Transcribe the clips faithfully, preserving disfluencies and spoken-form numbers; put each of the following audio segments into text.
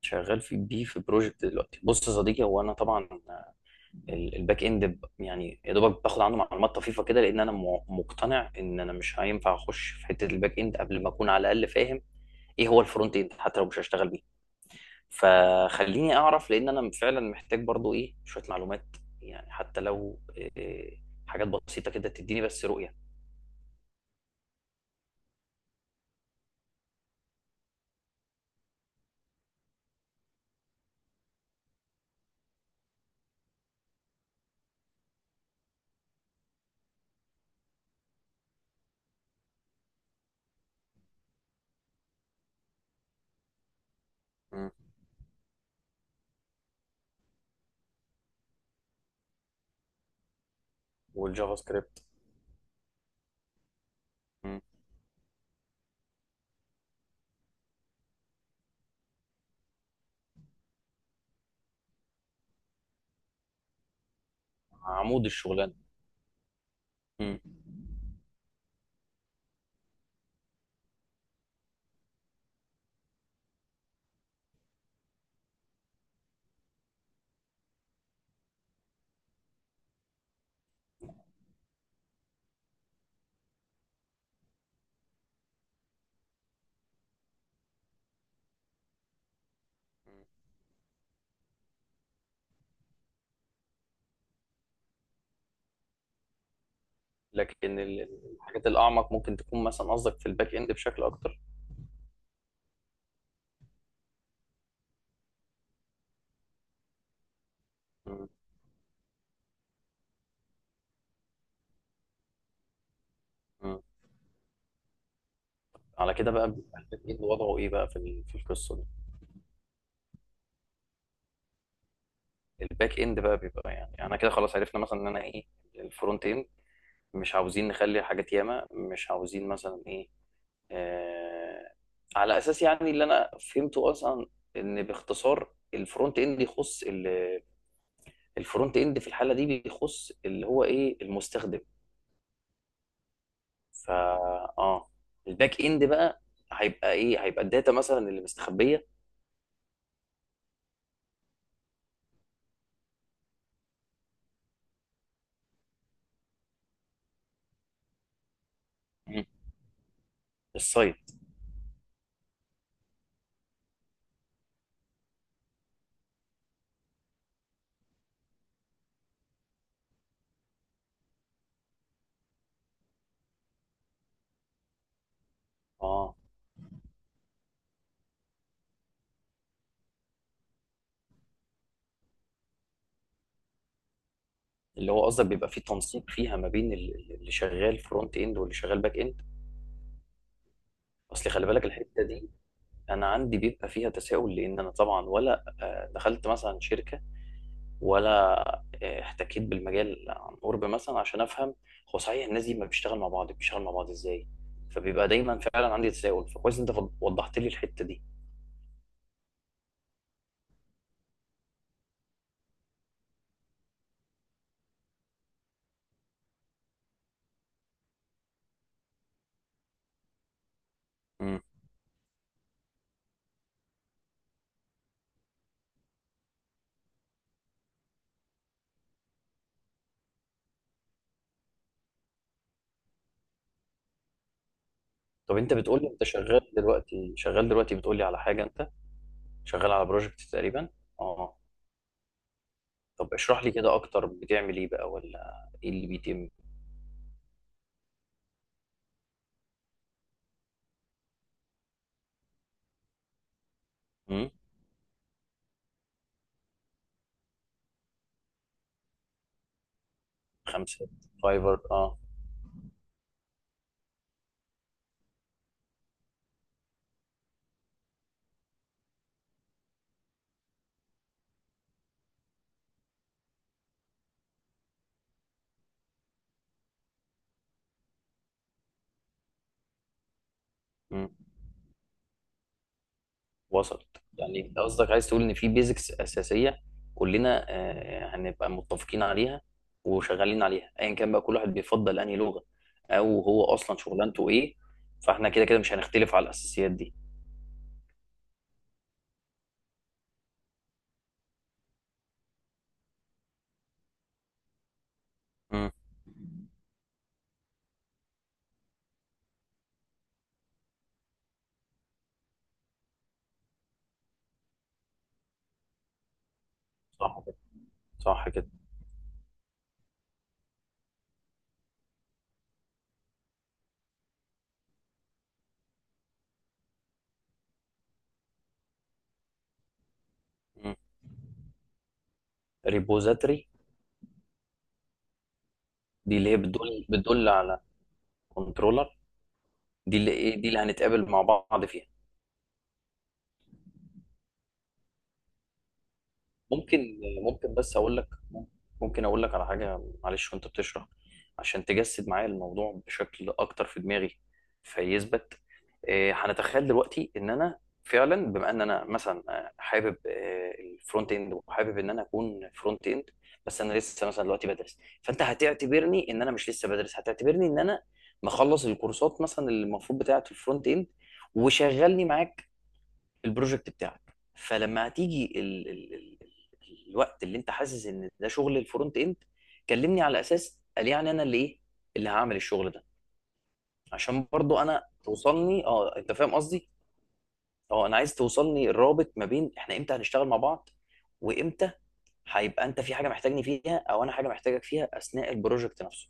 شغال في بيه في بروجكت دلوقتي. بص يا صديقي، هو انا طبعا ال- الباك اند، ب- يعني يا دوبك باخد عنه معلومات طفيفه كده، لان انا م- مقتنع ان انا مش هينفع اخش في حته الباك اند قبل ما اكون على الاقل فاهم ايه هو الفرونت اند، حتى لو مش هشتغل بيه. فخليني اعرف، لان انا فعلا محتاج برضو ايه شويه معلومات، يعني حتى لو إيه، حاجات بسيطه كده تديني بس رؤيه. مم. والجافا سكريبت. مم. عمود الشغلانه. مم. لكن ال- ال- الحاجات الأعمق ممكن تكون مثلا قصدك في الباك إند بشكل أكتر. مم. مم. على كده بقى، بيبقى الباك إند وضعه إيه بقى في ال- في القصة دي؟ الباك إند بقى بيبقى يعني، يعني أنا كده خلاص عرفنا مثلا إن أنا إيه الفرونت إند، مش عاوزين نخلي حاجات ياما، مش عاوزين مثلا إيه، آه، على أساس يعني اللي أنا فهمته أصلا، إن باختصار الفرونت إند يخص ال- الفرونت إند في الحالة دي بيخص اللي هو إيه المستخدم. فا، اه، الباك اند بقى هيبقى ايه، هيبقى الداتا مثلا اللي مستخبيه. مم. السايت. اه، اللي هو قصدك بيبقى فيه تنسيق فيها ما بين ال- ال- اللي شغال فرونت اند واللي شغال باك اند. اصل خلي بالك الحته دي انا عندي بيبقى فيها تساؤل، لان انا طبعا، ولا آه، دخلت مثلا شركه، ولا آه، احتكيت بالمجال عن قرب مثلا عشان افهم هو صحيح الناس دي ما بتشتغل مع بعض، بتشتغل مع بعض ازاي. فبيبقى دايما فعلا عندي تساؤل، فكويس إن انت فض- وضحت لي الحته دي. طب انت بتقول لي انت شغال دلوقتي، شغال دلوقتي بتقول لي على حاجه، انت شغال على بروجكت تقريبا؟ اه. طب اشرح لي كده اكتر، بتعمل ايه بقى، ولا ايه اللي بيتم؟ امم. خمسه. فايفر اه. امم. وصلت. يعني انت قصدك عايز تقول ان في بيزكس اساسيه كلنا آه هنبقى متفقين عليها وشغالين عليها، ايا كان بقى كل واحد بيفضل انهي لغه، او هو اصلا شغلانته ايه. فاحنا كده كده مش هنختلف على الاساسيات دي. امم. صح كده. صح كده. امم. ريبوزاتري. دي اللي هي بتدل بتدل على. كنترولر. دي اللي ايه، دي اللي هنتقابل مع بعض فيها؟ ممكن ممكن بس اقول لك، ممكن اقول لك على حاجه معلش وانت بتشرح؟ عشان تجسد معايا الموضوع بشكل اكتر في دماغي، فيثبت. آه، هنتخيل دلوقتي ان انا فعلا، بما ان انا مثلا آه، حابب آه، الفرونت اند، وحابب ان انا اكون فرونت اند، بس انا لسه مثلا دلوقتي بدرس، فانت هتعتبرني ان انا مش لسه بدرس، هتعتبرني ان انا مخلص الكورسات مثلا اللي المفروض بتاعه الفرونت اند، وشغلني معاك في البروجكت بتاعك. فلما هتيجي ال ال ال ال- الوقت اللي انت حاسس ان ده شغل الفرونت اند، كلمني على اساس قال يعني انا اللي ايه اللي هعمل الشغل ده، عشان برضو انا توصلني. اه، انت فاهم قصدي؟ اه، انا عايز توصلني الرابط ما بين احنا امتى هنشتغل مع بعض، وامتى هيبقى انت في حاجه محتاجني فيها او انا حاجه محتاجك فيها اثناء البروجكت نفسه.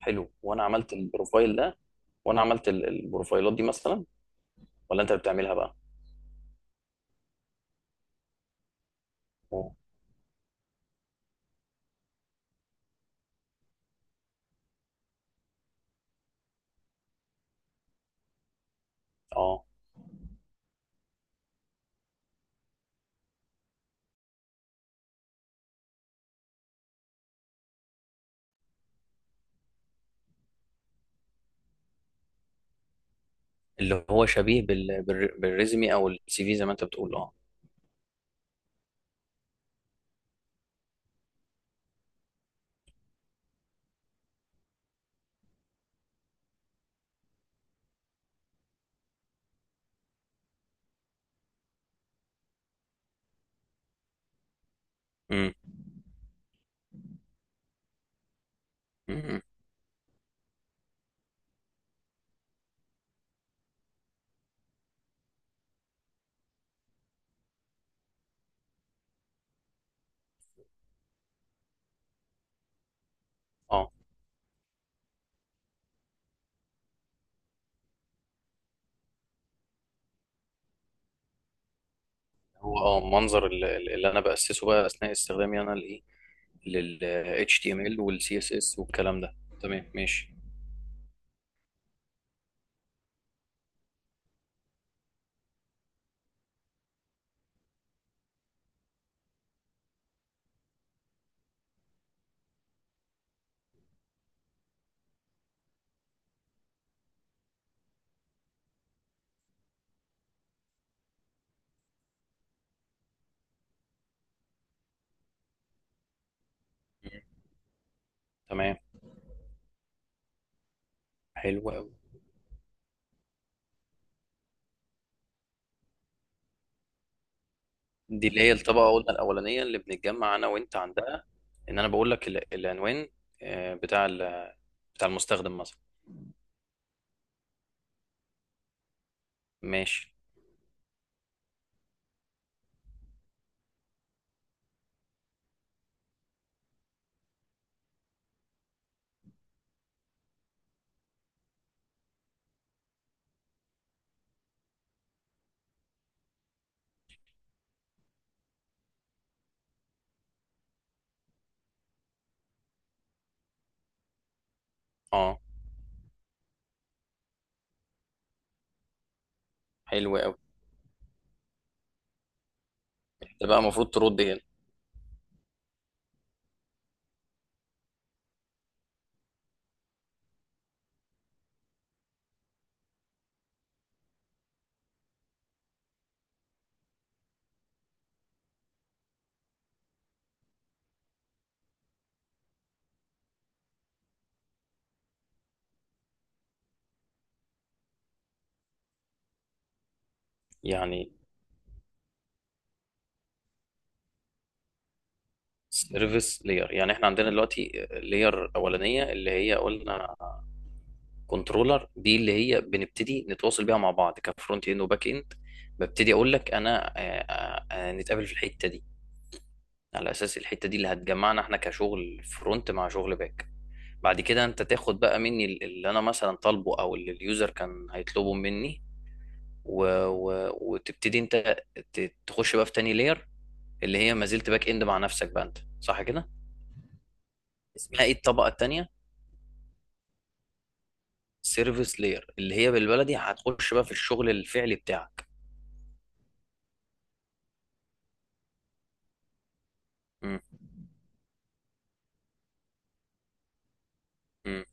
حلو، وانا عملت البروفايل ده؟ وانا عملت ال- البروفايلات دي مثلا، ولا انت اللي بتعملها بقى؟ اه. آه. اللي هو شبيه بال... بال... بالريزمي او السي في، زي ما انت بتقول، اه. امم. أمم. اه. هو اه منظر ال- ال- اللي انا باسسه بقى اثناء استخدامي انا لايه، لل H T M L وال سي إس إس والكلام ده. تمام ماشي. أمم. تمام. حلو. دي اللي هي الطبقة قلنا الأولانية اللي بنتجمع أنا وأنت عندها. إن أنا بقول لك ال- العنوان، آه، بتاع ال- بتاع المستخدم مثلا. ماشي. أه. حلو أوي. ده بقى المفروض ترد هنا؟ يعني سيرفيس لاير، يعني إحنا عندنا دلوقتي لاير أولانية اللي هي قلنا كنترولر، دي اللي هي بنبتدي نتواصل بيها مع بعض كفرونت إند وباك إند، ببتدي أقول لك أنا آه، آه، آه، نتقابل في الحتة دي، على أساس الحتة دي اللي هتجمعنا إحنا كشغل فرونت مع شغل باك. بعد كده انت تاخد بقى مني ال- اللي انا مثلا طالبه او اللي اليوزر كان هيطلبه مني، و... و... وتبتدي انت ت- تخش بقى في تاني لاير، اللي هي ما زلت باك اند مع نفسك بقى انت، صح كده؟ اسمها ايه الطبقة التانية؟ سيرفيس لاير. اللي هي بالبلدي هتخش بقى في الشغل الفعلي بتاعك. م- م.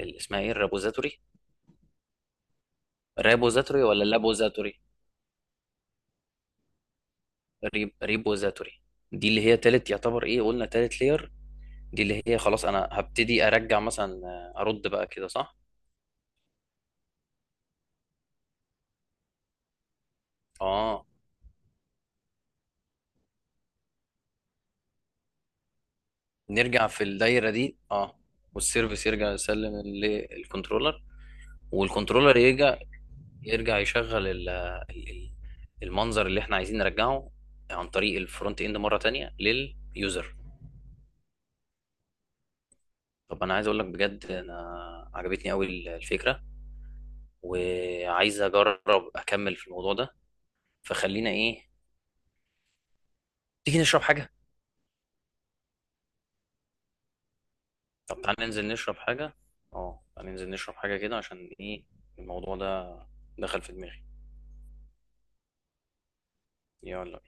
اللي اسمها ايه، الرابوزاتوري؟ رابوزاتوري ولا لابوزاتوري؟ ريب... ريبوزاتوري. دي اللي هي تالت، يعتبر ايه، قلنا تالت لاير. دي اللي هي خلاص انا هبتدي ارجع مثلا آه، ارد بقى كده، صح؟ اه. نرجع في الدايره دي، اه. والسيرفيس يرجع يسلم للكنترولر. والكنترولر يرجع، يرجع يشغل ال- ال- ال- المنظر اللي احنا عايزين نرجعه عن طريق الفرونت اند مره تانية لليوزر. طب انا عايز اقول لك بجد، انا عجبتني قوي ال- الفكره، وعايز اجرب اكمل في الموضوع ده. فخلينا ايه، تيجي نشرب حاجه. طب تعالى ننزل نشرب حاجه. اه، تعالى ننزل نشرب حاجه كده، عشان ايه، الموضوع ده دخل في دماغي. يلا.